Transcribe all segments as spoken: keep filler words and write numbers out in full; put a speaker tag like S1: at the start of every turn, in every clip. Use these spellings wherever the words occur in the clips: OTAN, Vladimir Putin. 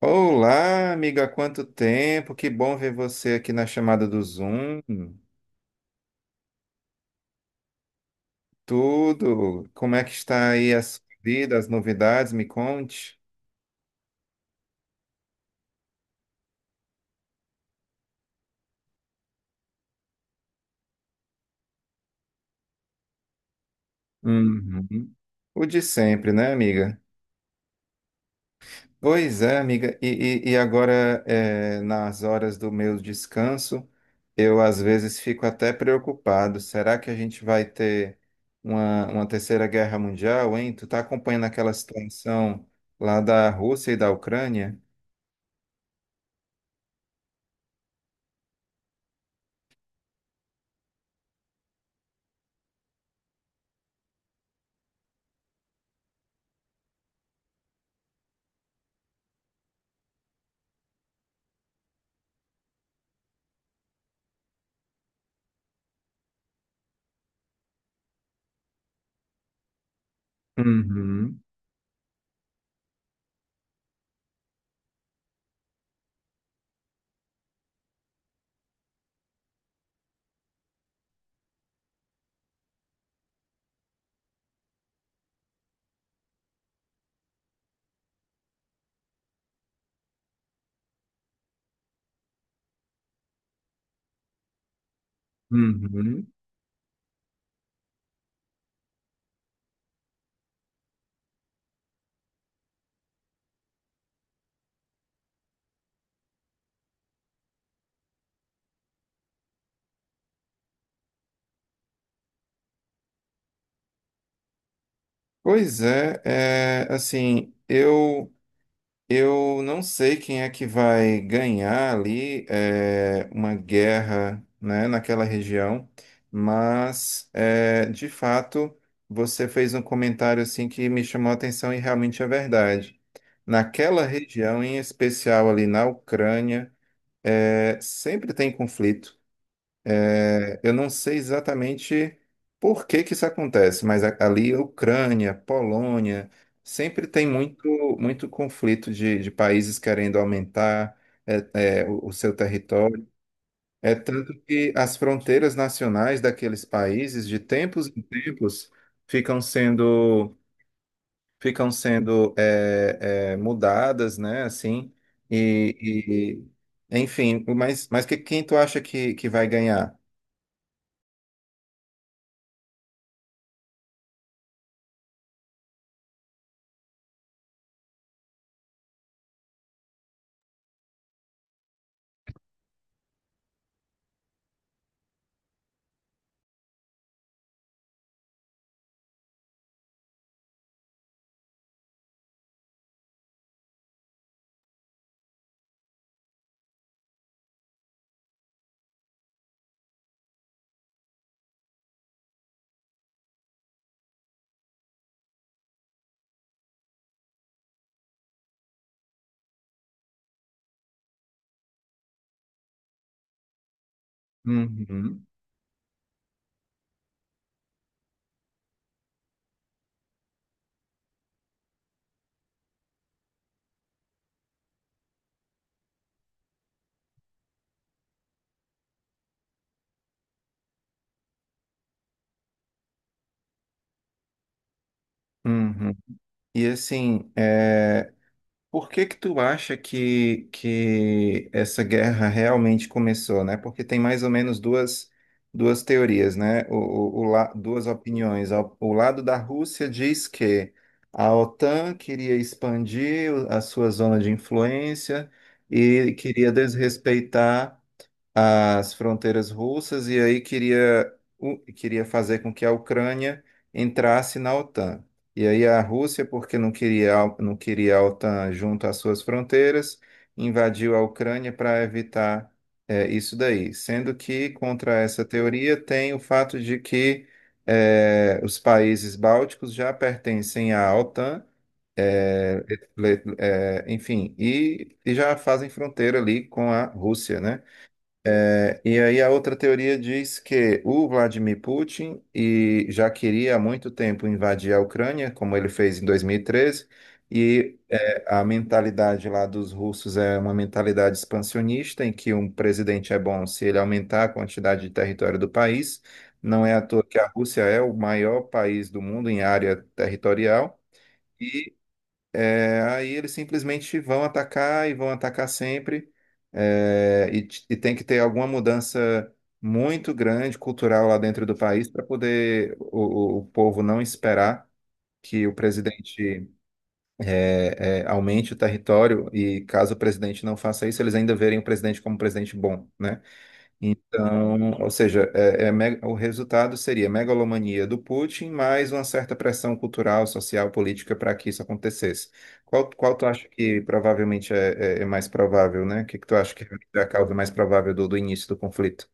S1: Olá, amiga, há quanto tempo! Que bom ver você aqui na chamada do Zoom. Tudo? Como é que está aí a sua vida, as novidades? Me conte. Uhum. O de sempre, né, amiga? Pois é, amiga. E, e- e agora, é, nas horas do meu descanso, eu às vezes fico até preocupado. Será que a gente vai ter uma, uma terceira guerra mundial, hein? Tu tá acompanhando aquela situação lá da Rússia e da Ucrânia? Uhum, uhum. Pois é, é, assim, eu eu não sei quem é que vai ganhar ali é, uma guerra, né, naquela região, mas é, de fato você fez um comentário assim que me chamou a atenção e realmente é verdade. Naquela região, em especial ali na Ucrânia, é, sempre tem conflito. Eu não sei exatamente por que que isso acontece, mas a- ali Ucrânia, Polônia, sempre tem muito, muito conflito de, de países querendo aumentar é, é, o, o seu território. É tanto que as fronteiras nacionais daqueles países, de tempos em tempos, ficam sendo, ficam sendo é, é, mudadas, né? Assim, e, e- enfim, mas, mas que, quem tu acha que, que vai ganhar? Uhum. Uhum. E assim, é, por que que tu acha que, que essa guerra realmente começou, né? Porque tem mais ou menos duas, duas teorias, né? O, o, o la- duas opiniões. O, o lado da Rússia diz que a OTAN queria expandir o- a sua zona de influência e queria desrespeitar as fronteiras russas e aí queria, u- queria fazer com que a Ucrânia entrasse na OTAN. E aí a Rússia, porque não queria, a- não queria a OTAN junto às suas fronteiras, invadiu a Ucrânia para evitar é, isso daí. Sendo que contra essa teoria tem o fato de que é, os países bálticos já pertencem à OTAN. é, le- é, Enfim, e, e já fazem fronteira ali com a Rússia, né? É, E aí a outra teoria diz que o Vladimir Putin e já queria há muito tempo invadir a Ucrânia, como ele fez em dois mil e treze, e eh, a mentalidade lá dos russos é uma mentalidade expansionista, em que um presidente é bom se ele aumentar a quantidade de território do país. Não é à toa que a Rússia é o maior país do mundo em área territorial. É, aí eles simplesmente vão atacar e vão atacar sempre. É, e, t- e tem que ter alguma mudança muito grande cultural lá dentro do país para poder o, o- o povo não esperar que o presidente é, é, aumente o território. E caso o presidente não faça isso, eles ainda verem o presidente como um presidente bom, né? Então, ou seja, é- é me- o resultado seria megalomania do Putin mais uma certa pressão cultural, social, política para que isso acontecesse. Qual, qual tu acha que provavelmente é, é- é mais provável, né? O que, que tu acha que é a causa mais provável do, do início do conflito?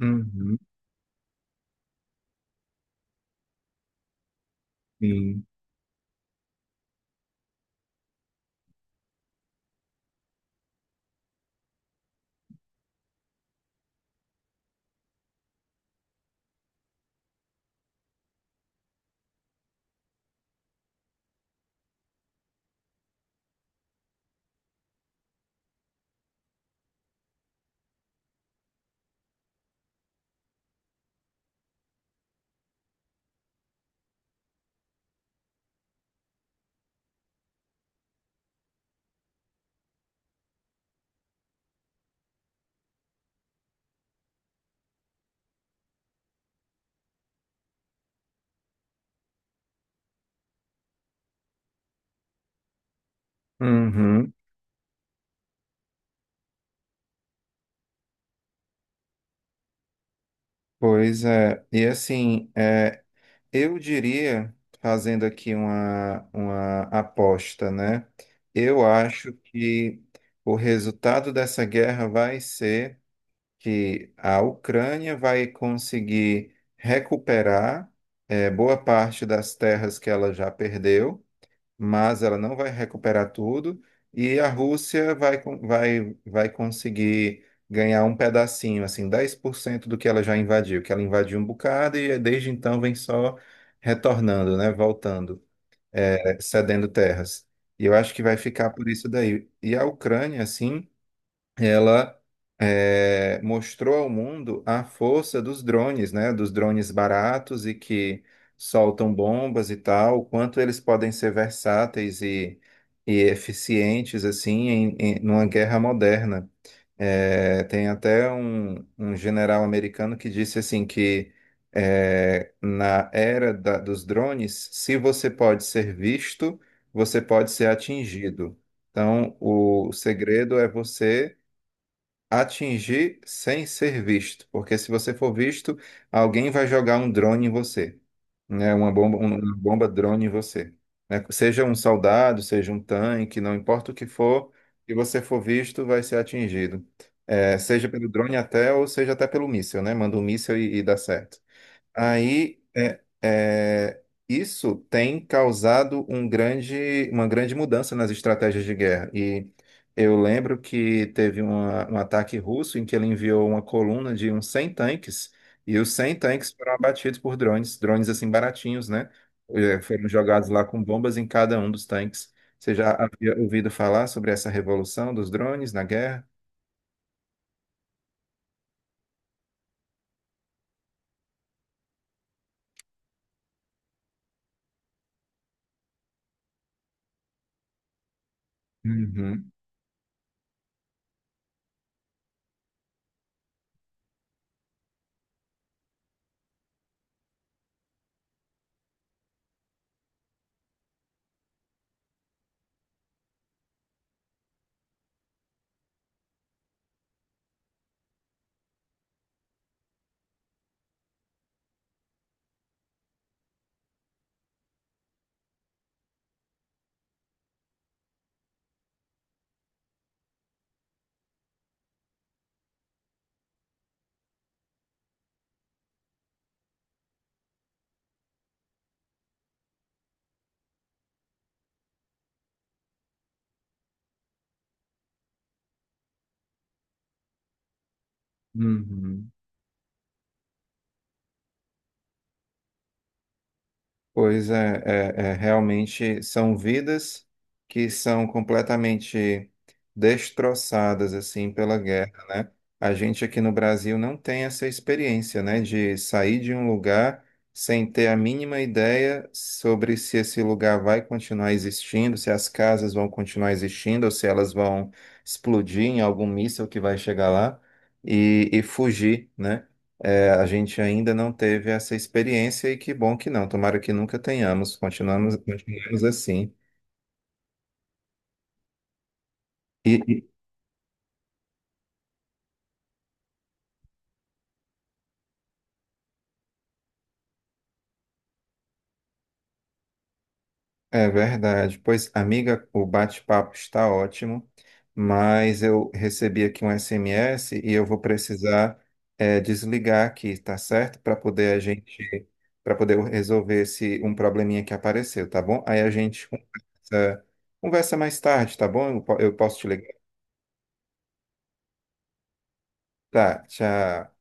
S1: Uhum, sim. Uhum, pois é. E assim, é, eu diria, fazendo aqui uma, uma aposta, né? Eu acho que o resultado dessa guerra vai ser que a Ucrânia vai conseguir recuperar eh, boa parte das terras que ela já perdeu, mas ela não vai recuperar tudo, e a Rússia vai, con- vai, vai conseguir ganhar um pedacinho, assim, dez por cento do que ela já invadiu, que ela invadiu um bocado e desde então vem só retornando, né, voltando, eh, cedendo terras. E eu acho que vai ficar por isso daí. E a Ucrânia, assim ela eh, mostrou ao mundo a força dos drones, né? Dos drones baratos e que soltam bombas e tal, o quanto eles podem ser versáteis e, e eficientes assim em, em- numa guerra moderna. Eh, tem até um, um general americano que disse assim que eh, na era da- dos drones, se você pode ser visto, você pode ser atingido. Então, o segredo é você atingir sem ser visto, porque se você for visto, alguém vai jogar um drone em você, né? Uma bomba, um- uma bomba drone em você, né? Seja um soldado, seja um tanque, não importa o que for, se você for visto, vai ser atingido. É, seja pelo drone até ou seja até pelo míssil, né? Manda um míssil e, e dá certo. Aí, é, é, isso tem causado um grande, uma grande mudança nas estratégias de guerra. E eu lembro que teve uma- um ataque russo em que ele enviou uma coluna de uns cem tanques, e os cem tanques foram abatidos por drones, drones assim baratinhos, né? Eh, Foram jogados lá com bombas em cada um dos tanques. Você já havia ouvido falar sobre essa revolução dos drones na guerra? Uhum, uhum. Pois é, é, é, realmente são vidas que são completamente destroçadas assim pela guerra, né? A gente aqui no Brasil não tem essa experiência, né, de sair de um lugar sem ter a mínima ideia sobre se esse lugar vai continuar existindo, se as casas vão continuar existindo, ou se elas vão explodir em algum míssil que vai chegar lá e, e fugir, né? A gente ainda não teve essa experiência e que bom que não. Tomara que nunca tenhamos. Continuamos, continuamos assim. E e- É verdade. Pois, amiga, o bate-papo está ótimo, mas eu recebi aqui um S M S e eu vou precisar é, desligar aqui, tá certo? Para poder a gente, para poder resolver esse um probleminha que apareceu, tá bom? Aí a gente conversa, conversa mais tarde, tá bom? Eu, po- eu posso te ligar. Tá, tchau.